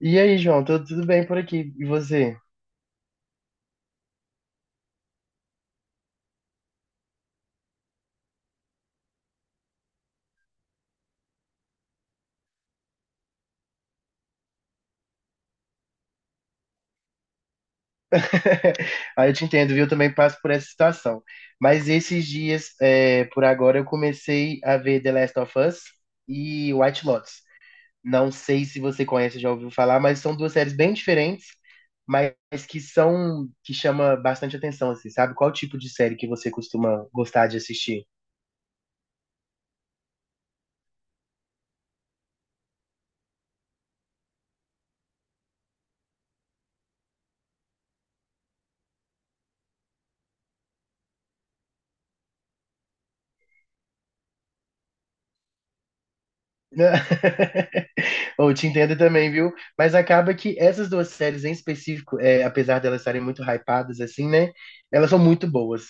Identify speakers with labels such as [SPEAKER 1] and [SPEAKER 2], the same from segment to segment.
[SPEAKER 1] E aí, João, tudo bem por aqui? E você? Aí eu te entendo, viu? Eu também passo por essa situação. Mas esses dias, por agora, eu comecei a ver The Last of Us e White Lotus. Não sei se você conhece, já ouviu falar, mas são duas séries bem diferentes, mas que chama bastante atenção, assim, sabe? Qual tipo de série que você costuma gostar de assistir? Né? Eu te entendo também, viu? Mas acaba que essas duas séries em específico, apesar de elas estarem muito hypadas, assim, né? Elas são muito boas.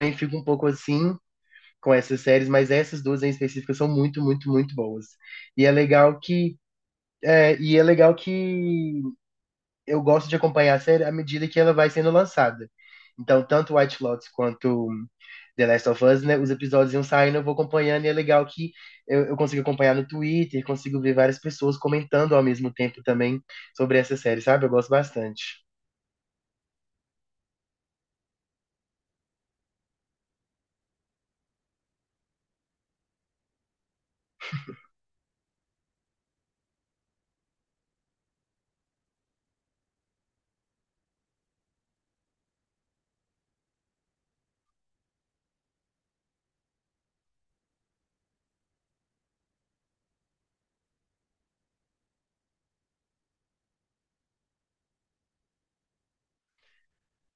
[SPEAKER 1] Eu fico um pouco assim com essas séries, mas essas duas em específico são muito, muito, muito boas. E é legal que, é, e é legal que eu gosto de acompanhar a série à medida que ela vai sendo lançada. Então, tanto White Lotus quanto The Last of Us, né, os episódios iam saindo, eu vou acompanhando, e é legal que eu consigo acompanhar no Twitter, consigo ver várias pessoas comentando ao mesmo tempo também sobre essa série, sabe? Eu gosto bastante.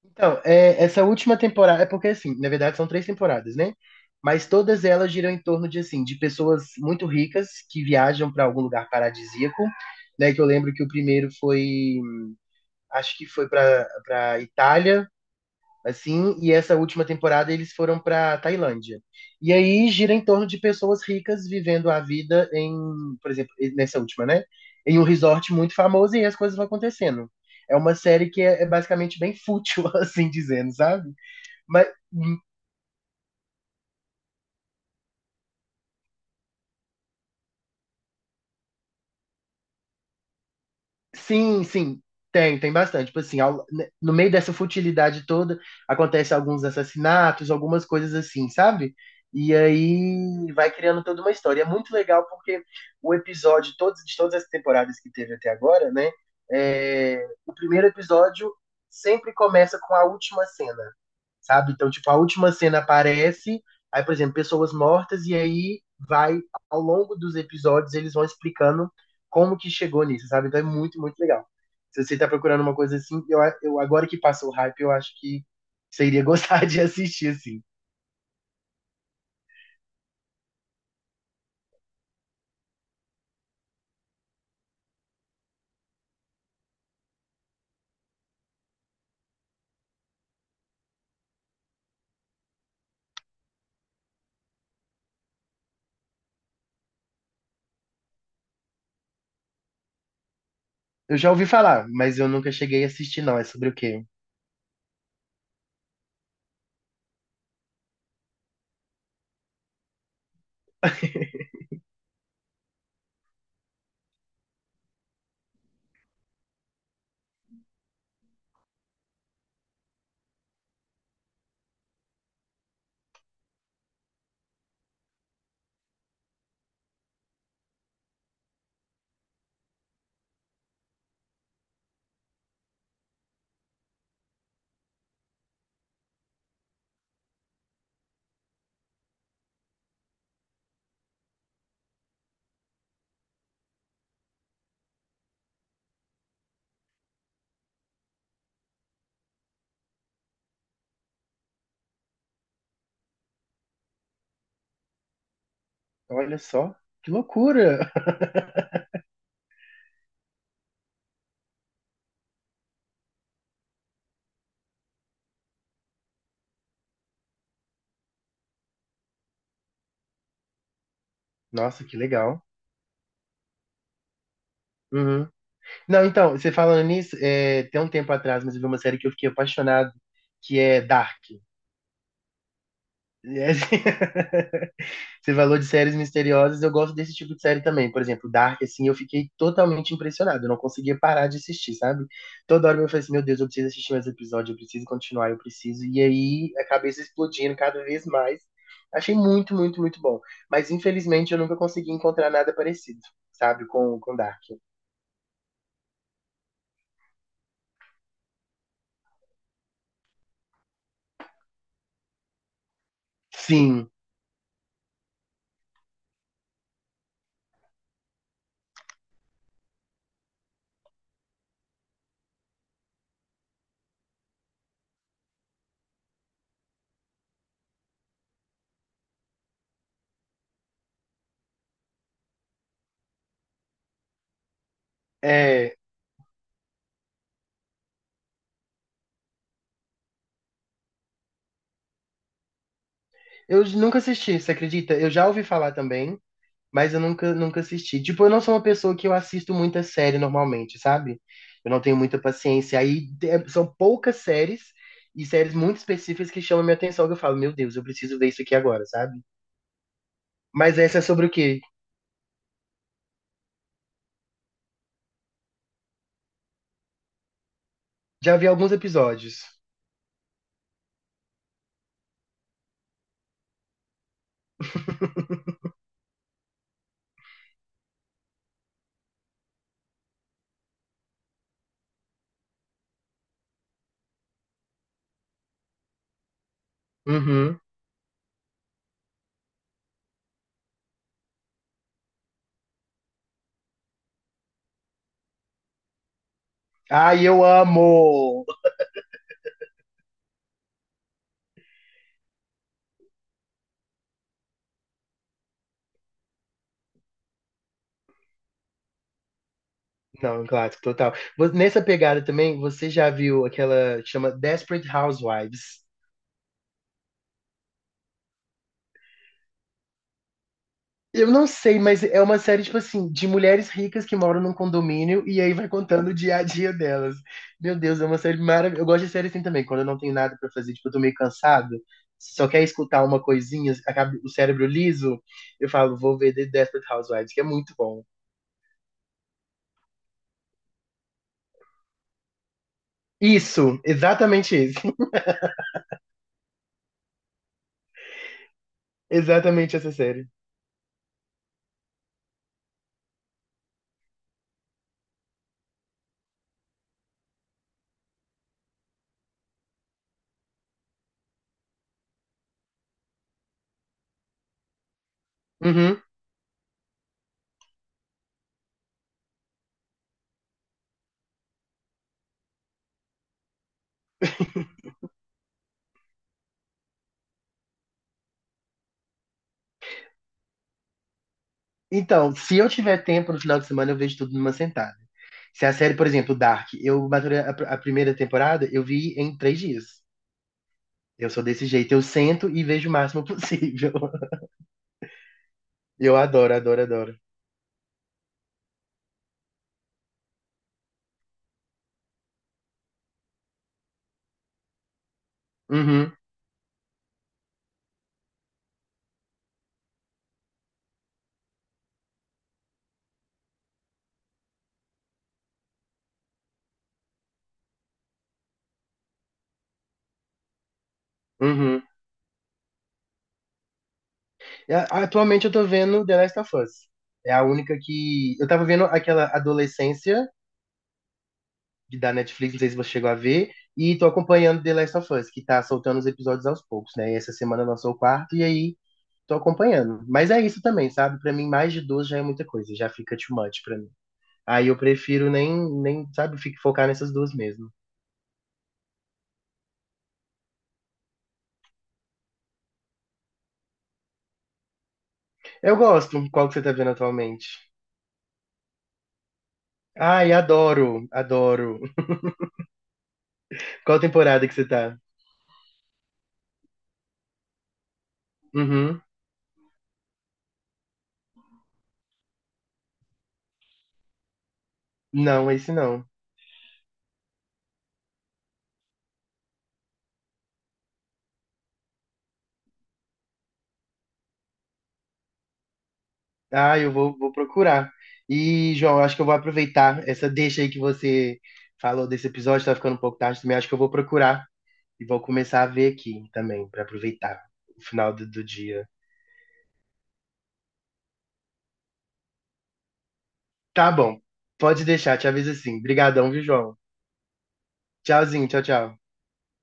[SPEAKER 1] Então, é, essa última temporada, é porque assim, na verdade são três temporadas, né? Mas todas elas giram em torno de assim, de pessoas muito ricas que viajam para algum lugar paradisíaco, né? Que eu lembro que o primeiro foi acho que foi para Itália, assim, e essa última temporada eles foram para Tailândia. E aí gira em torno de pessoas ricas vivendo a vida em, por exemplo, nessa última, né? Em um resort muito famoso e as coisas vão acontecendo. É uma série que é basicamente bem fútil, assim dizendo, sabe? Mas sim, sim, tem bastante. Tipo assim, no meio dessa futilidade toda, acontece alguns assassinatos, algumas coisas assim, sabe? E aí vai criando toda uma história. É muito legal porque todos, de todas as temporadas que teve até agora, né? O primeiro episódio sempre começa com a última cena, sabe? Então, tipo, a última cena aparece, aí, por exemplo, pessoas mortas, e aí vai, ao longo dos episódios, eles vão explicando como que chegou nisso, sabe? Então é muito, muito legal. Se você tá procurando uma coisa assim, eu agora que passou o hype, eu acho que você iria gostar de assistir, assim. Eu já ouvi falar, mas eu nunca cheguei a assistir, não. É sobre o quê? Olha só, que loucura! Nossa, que legal. Uhum. Não, então, você falando nisso, tem um tempo atrás, mas eu vi uma série que eu fiquei apaixonado, que é Dark. É assim- Você falou de séries misteriosas, eu gosto desse tipo de série também. Por exemplo, Dark, assim, eu fiquei totalmente impressionado. Eu não conseguia parar de assistir, sabe? Toda hora eu falei assim, meu Deus, eu preciso assistir mais episódio, eu preciso continuar, eu preciso. E aí, a cabeça explodindo cada vez mais. Achei muito, muito, muito bom. Mas, infelizmente, eu nunca consegui encontrar nada parecido, sabe? Com Dark. Sim, é... Eu nunca assisti, você acredita? Eu já ouvi falar também, mas eu nunca assisti. Tipo, eu não sou uma pessoa que eu assisto muita série normalmente, sabe? Eu não tenho muita paciência. Aí é- são poucas séries e séries muito específicas que chamam minha atenção, que eu falo, meu Deus, eu preciso ver isso aqui agora, sabe? Mas essa é sobre o quê? Já vi alguns episódios. Uhum. Ai, eu amo! Não, um clássico total. Vo- Nessa pegada também, você já viu aquela que chama Desperate Housewives? Eu não sei, mas é uma série, tipo assim, de mulheres ricas que moram num condomínio e aí vai contando o dia a dia delas. Meu Deus, é uma série maravilhosa. Eu gosto de série assim também, quando eu não tenho nada pra fazer, tipo, eu tô meio cansado, só quer escutar uma coisinha, acaba o cérebro liso, eu falo, vou ver The Desperate Housewives, que é muito bom. Isso, exatamente isso. Exatamente essa série. Uhum. Então, se eu tiver tempo no final de semana, eu vejo tudo numa sentada. Se a série, por exemplo, Dark, eu maturei a primeira temporada, eu vi em três dias. Eu sou desse jeito, eu sento e vejo o máximo possível. Eu adoro, adoro, adoro. Uhum, uhum. Atualmente eu tô vendo The Last of Us. É a única que. Eu tava vendo aquela Adolescência da Netflix, não sei se você chegou a ver, e tô acompanhando The Last of Us, que tá soltando os episódios aos poucos, né? E essa semana lançou o quarto, e aí tô acompanhando. Mas é isso também, sabe? Pra mim, mais de duas já é muita coisa, já fica too much pra mim. Aí eu prefiro nem, nem, sabe, focar nessas duas mesmo. Eu gosto. Qual que você tá vendo atualmente? Ai, adoro, adoro. Qual temporada que você tá? Uhum. Não, esse não. Ah, vou procurar. E, João, acho que eu vou aproveitar essa deixa aí que você falou desse episódio, tá ficando um pouco tarde também. Acho que eu vou procurar e vou começar a ver aqui também, pra aproveitar o final do dia. Tá bom, pode deixar, te aviso assim. Obrigadão, viu, João? Tchauzinho, tchau, tchau.